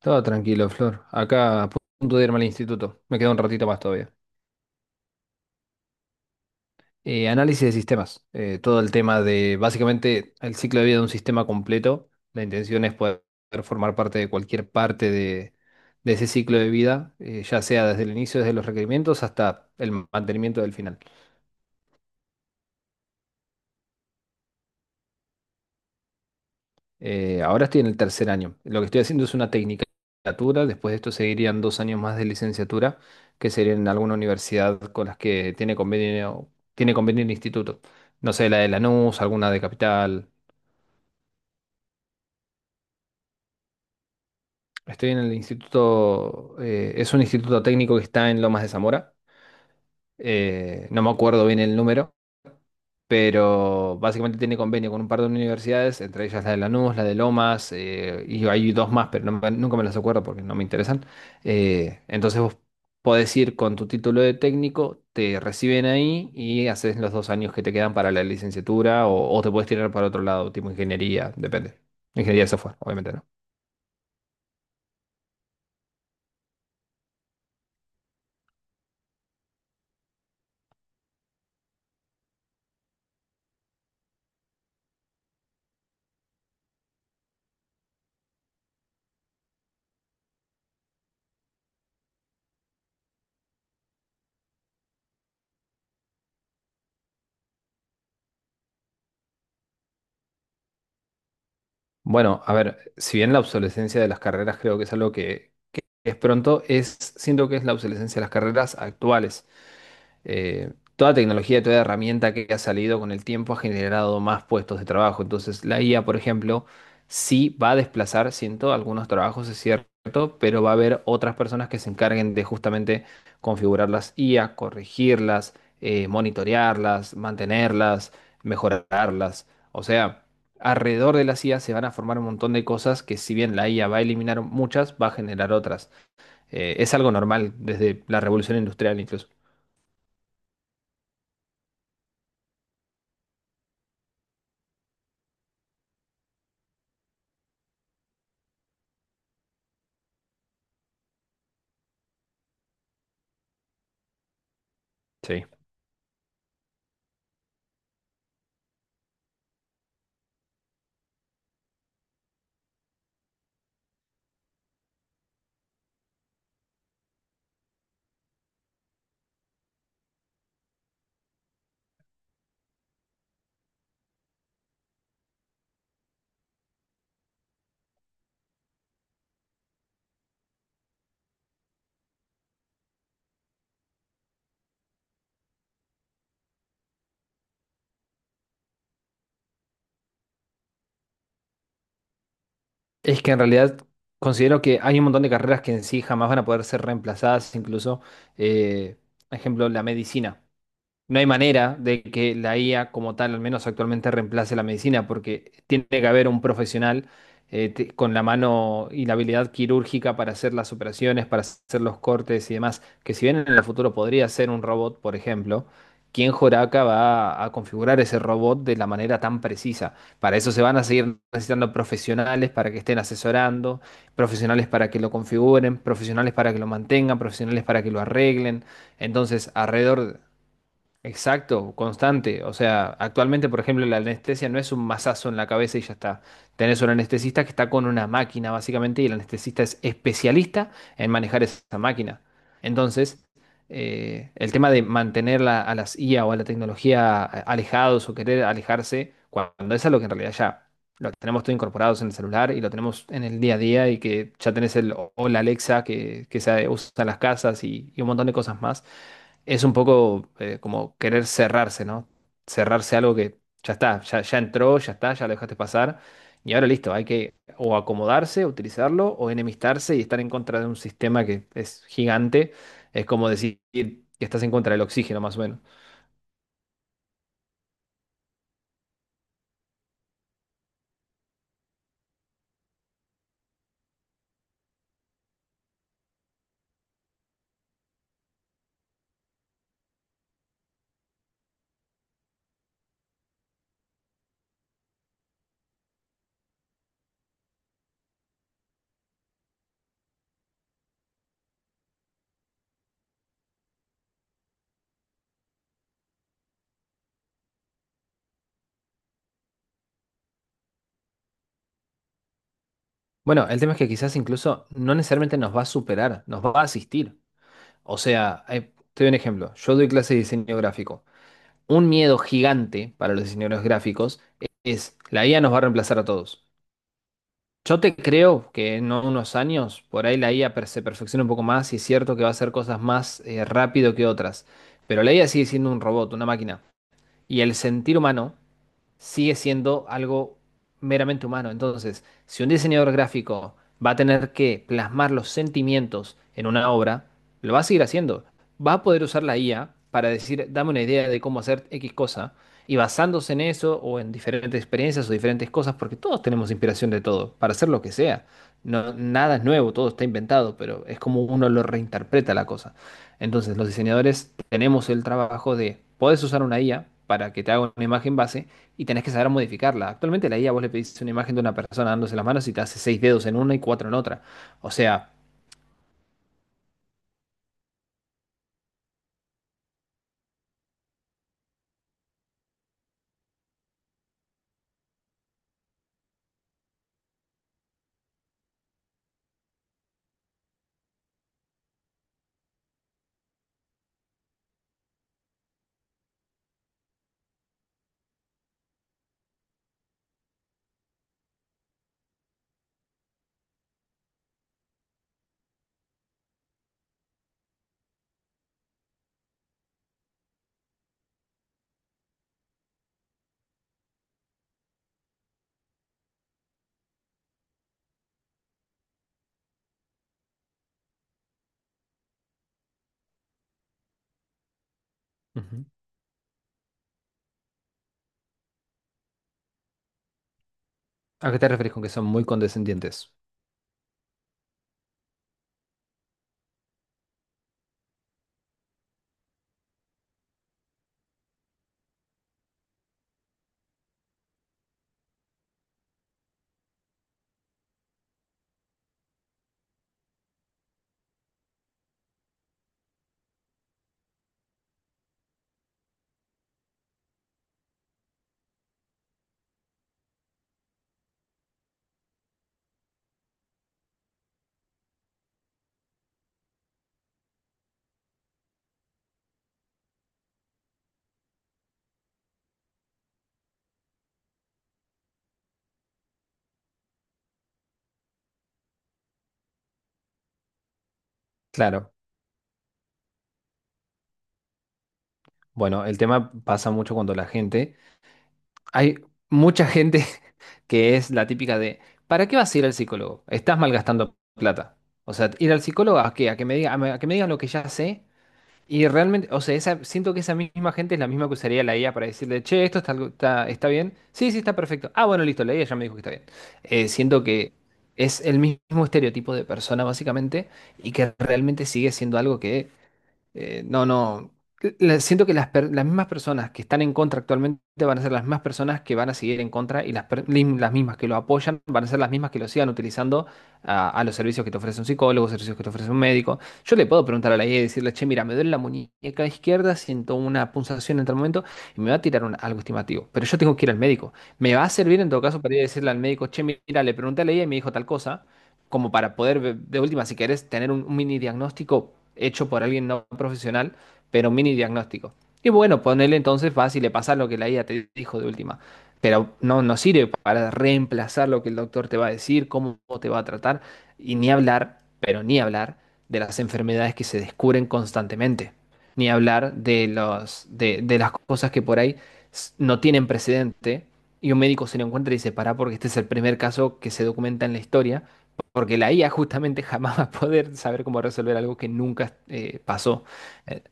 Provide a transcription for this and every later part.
Todo tranquilo, Flor. Acá a punto de irme al instituto. Me queda un ratito más todavía. Análisis de sistemas. Todo el tema de, básicamente, el ciclo de vida de un sistema completo. La intención es poder formar parte de cualquier parte de ese ciclo de vida, ya sea desde el inicio, desde los requerimientos, hasta el mantenimiento del final. Ahora estoy en el tercer año. Lo que estoy haciendo es una tecnicatura. Después de esto seguirían 2 años más de licenciatura, que serían en alguna universidad con las que tiene convenio el instituto. No sé, la de Lanús, alguna de Capital. Estoy en el instituto, es un instituto técnico que está en Lomas de Zamora. No me acuerdo bien el número, pero básicamente tiene convenio con un par de universidades, entre ellas la de Lanús, la de Lomas, y hay dos más, pero nunca me las acuerdo porque no me interesan. Entonces vos podés ir con tu título de técnico, te reciben ahí y haces los 2 años que te quedan para la licenciatura o te puedes tirar para otro lado, tipo ingeniería, depende. Ingeniería de software, obviamente, ¿no? Bueno, a ver, si bien la obsolescencia de las carreras creo que es algo que es pronto, siento que es la obsolescencia de las carreras actuales. Toda tecnología, toda herramienta que ha salido con el tiempo ha generado más puestos de trabajo. Entonces, la IA, por ejemplo, sí va a desplazar, siento, algunos trabajos, es cierto, pero va a haber otras personas que se encarguen de justamente configurar las IA, corregirlas, monitorearlas, mantenerlas, mejorarlas. O sea, alrededor de las IA se van a formar un montón de cosas que si bien la IA va a eliminar muchas, va a generar otras. Es algo normal desde la revolución industrial incluso. Sí. Es que en realidad considero que hay un montón de carreras que en sí jamás van a poder ser reemplazadas, incluso, eh, por ejemplo, la medicina. No hay manera de que la IA como tal, al menos actualmente, reemplace la medicina, porque tiene que haber un profesional con la mano y la habilidad quirúrgica para hacer las operaciones, para hacer los cortes y demás, que si bien en el futuro podría ser un robot, por ejemplo, ¿quién joraca va a configurar ese robot de la manera tan precisa? Para eso se van a seguir necesitando profesionales para que estén asesorando, profesionales para que lo configuren, profesionales para que lo mantengan, profesionales para que lo arreglen. Entonces, alrededor... Exacto, constante. O sea, actualmente, por ejemplo, la anestesia no es un mazazo en la cabeza y ya está. Tenés un anestesista que está con una máquina, básicamente, y el anestesista es especialista en manejar esa máquina. Entonces, el tema de mantener a las IA o a la tecnología alejados o querer alejarse, cuando es algo que en realidad ya lo tenemos todo incorporados en el celular y lo tenemos en el día a día y que ya tenés el o la Alexa que se usa en las casas y un montón de cosas más es un poco como querer cerrarse, ¿no? Cerrarse a algo que ya está, ya, ya entró, ya está, ya lo dejaste pasar. Y ahora listo, hay que o acomodarse, utilizarlo, o enemistarse y estar en contra de un sistema que es gigante. Es como decir que estás en contra del oxígeno, más o menos. Bueno, el tema es que quizás incluso no necesariamente nos va a superar, nos va a asistir. O sea, te doy un ejemplo. Yo doy clase de diseño gráfico. Un miedo gigante para los diseñadores gráficos es la IA nos va a reemplazar a todos. Yo te creo que en unos años por ahí la IA se perfecciona un poco más y es cierto que va a hacer cosas más rápido que otras, pero la IA sigue siendo un robot, una máquina, y el sentir humano sigue siendo algo meramente humano. Entonces, si un diseñador gráfico va a tener que plasmar los sentimientos en una obra, lo va a seguir haciendo. Va a poder usar la IA para decir, dame una idea de cómo hacer X cosa, y basándose en eso o en diferentes experiencias o diferentes cosas, porque todos tenemos inspiración de todo, para hacer lo que sea. No, nada es nuevo, todo está inventado, pero es como uno lo reinterpreta la cosa. Entonces, los diseñadores tenemos el trabajo de, puedes usar una IA para que te haga una imagen base, y tenés que saber modificarla. Actualmente la IA vos le pedís una imagen de una persona dándose las manos y te hace seis dedos en una y cuatro en otra. O sea, ujú. ¿A qué te referís con que son muy condescendientes? Claro. Bueno, el tema pasa mucho cuando la gente... Hay mucha gente que es la típica de, ¿para qué vas a ir al psicólogo? Estás malgastando plata. O sea, ir al psicólogo ¿a qué? A que me diga, a que me digan lo que ya sé. Y realmente, o sea, siento que esa misma gente es la misma que usaría la IA para decirle, che, esto está, está bien. Sí, sí, está perfecto. Ah, bueno, listo, la IA ya me dijo que está bien. Siento que es el mismo estereotipo de persona, básicamente, y que realmente sigue siendo algo que no, no. Siento que las mismas personas que están en contra actualmente van a ser las mismas personas que van a seguir en contra y las mismas que lo apoyan van a ser las mismas que lo sigan utilizando a los servicios que te ofrece un psicólogo, servicios que te ofrece un médico. Yo le puedo preguntar a la IA y decirle, che, mira, me duele la muñeca izquierda, siento una punzación en tal momento y me va a tirar algo estimativo. Pero yo tengo que ir al médico. Me va a servir en todo caso para ir a decirle al médico, che, mira, le pregunté a la IA y me dijo tal cosa como para poder, de última, si querés, tener un mini diagnóstico hecho por alguien no profesional, pero un mini diagnóstico. Y bueno, ponele entonces, vas y le pasas lo que la IA te dijo de última. Pero no, no sirve para reemplazar lo que el doctor te va a decir, cómo te va a tratar, y ni hablar, pero ni hablar de las enfermedades que se descubren constantemente. Ni hablar de de las cosas que por ahí no tienen precedente y un médico se lo encuentra y dice, pará, porque este es el primer caso que se documenta en la historia porque la IA justamente jamás va a poder saber cómo resolver algo que nunca pasó. Eh,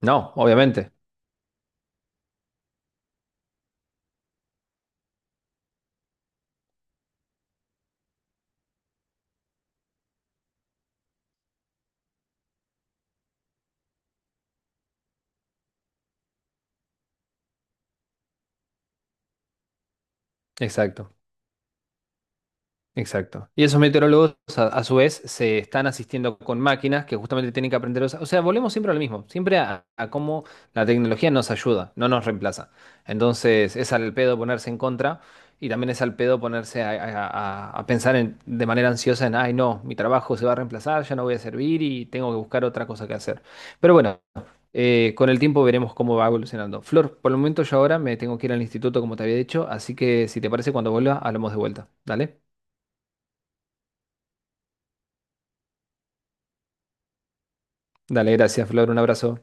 no, obviamente. Exacto. Exacto. Y esos meteorólogos, a su vez, se están asistiendo con máquinas que justamente tienen que aprender. O sea, volvemos siempre a lo mismo, siempre a cómo la tecnología nos ayuda, no nos reemplaza. Entonces, es al pedo ponerse en contra y también es al pedo ponerse a pensar de manera ansiosa en, ay, no, mi trabajo se va a reemplazar, ya no voy a servir y tengo que buscar otra cosa que hacer. Pero bueno, con el tiempo veremos cómo va evolucionando. Flor, por el momento yo ahora me tengo que ir al instituto, como te había dicho, así que si te parece, cuando vuelva, hablamos de vuelta. ¿Dale? Dale, gracias, Flor. Un abrazo.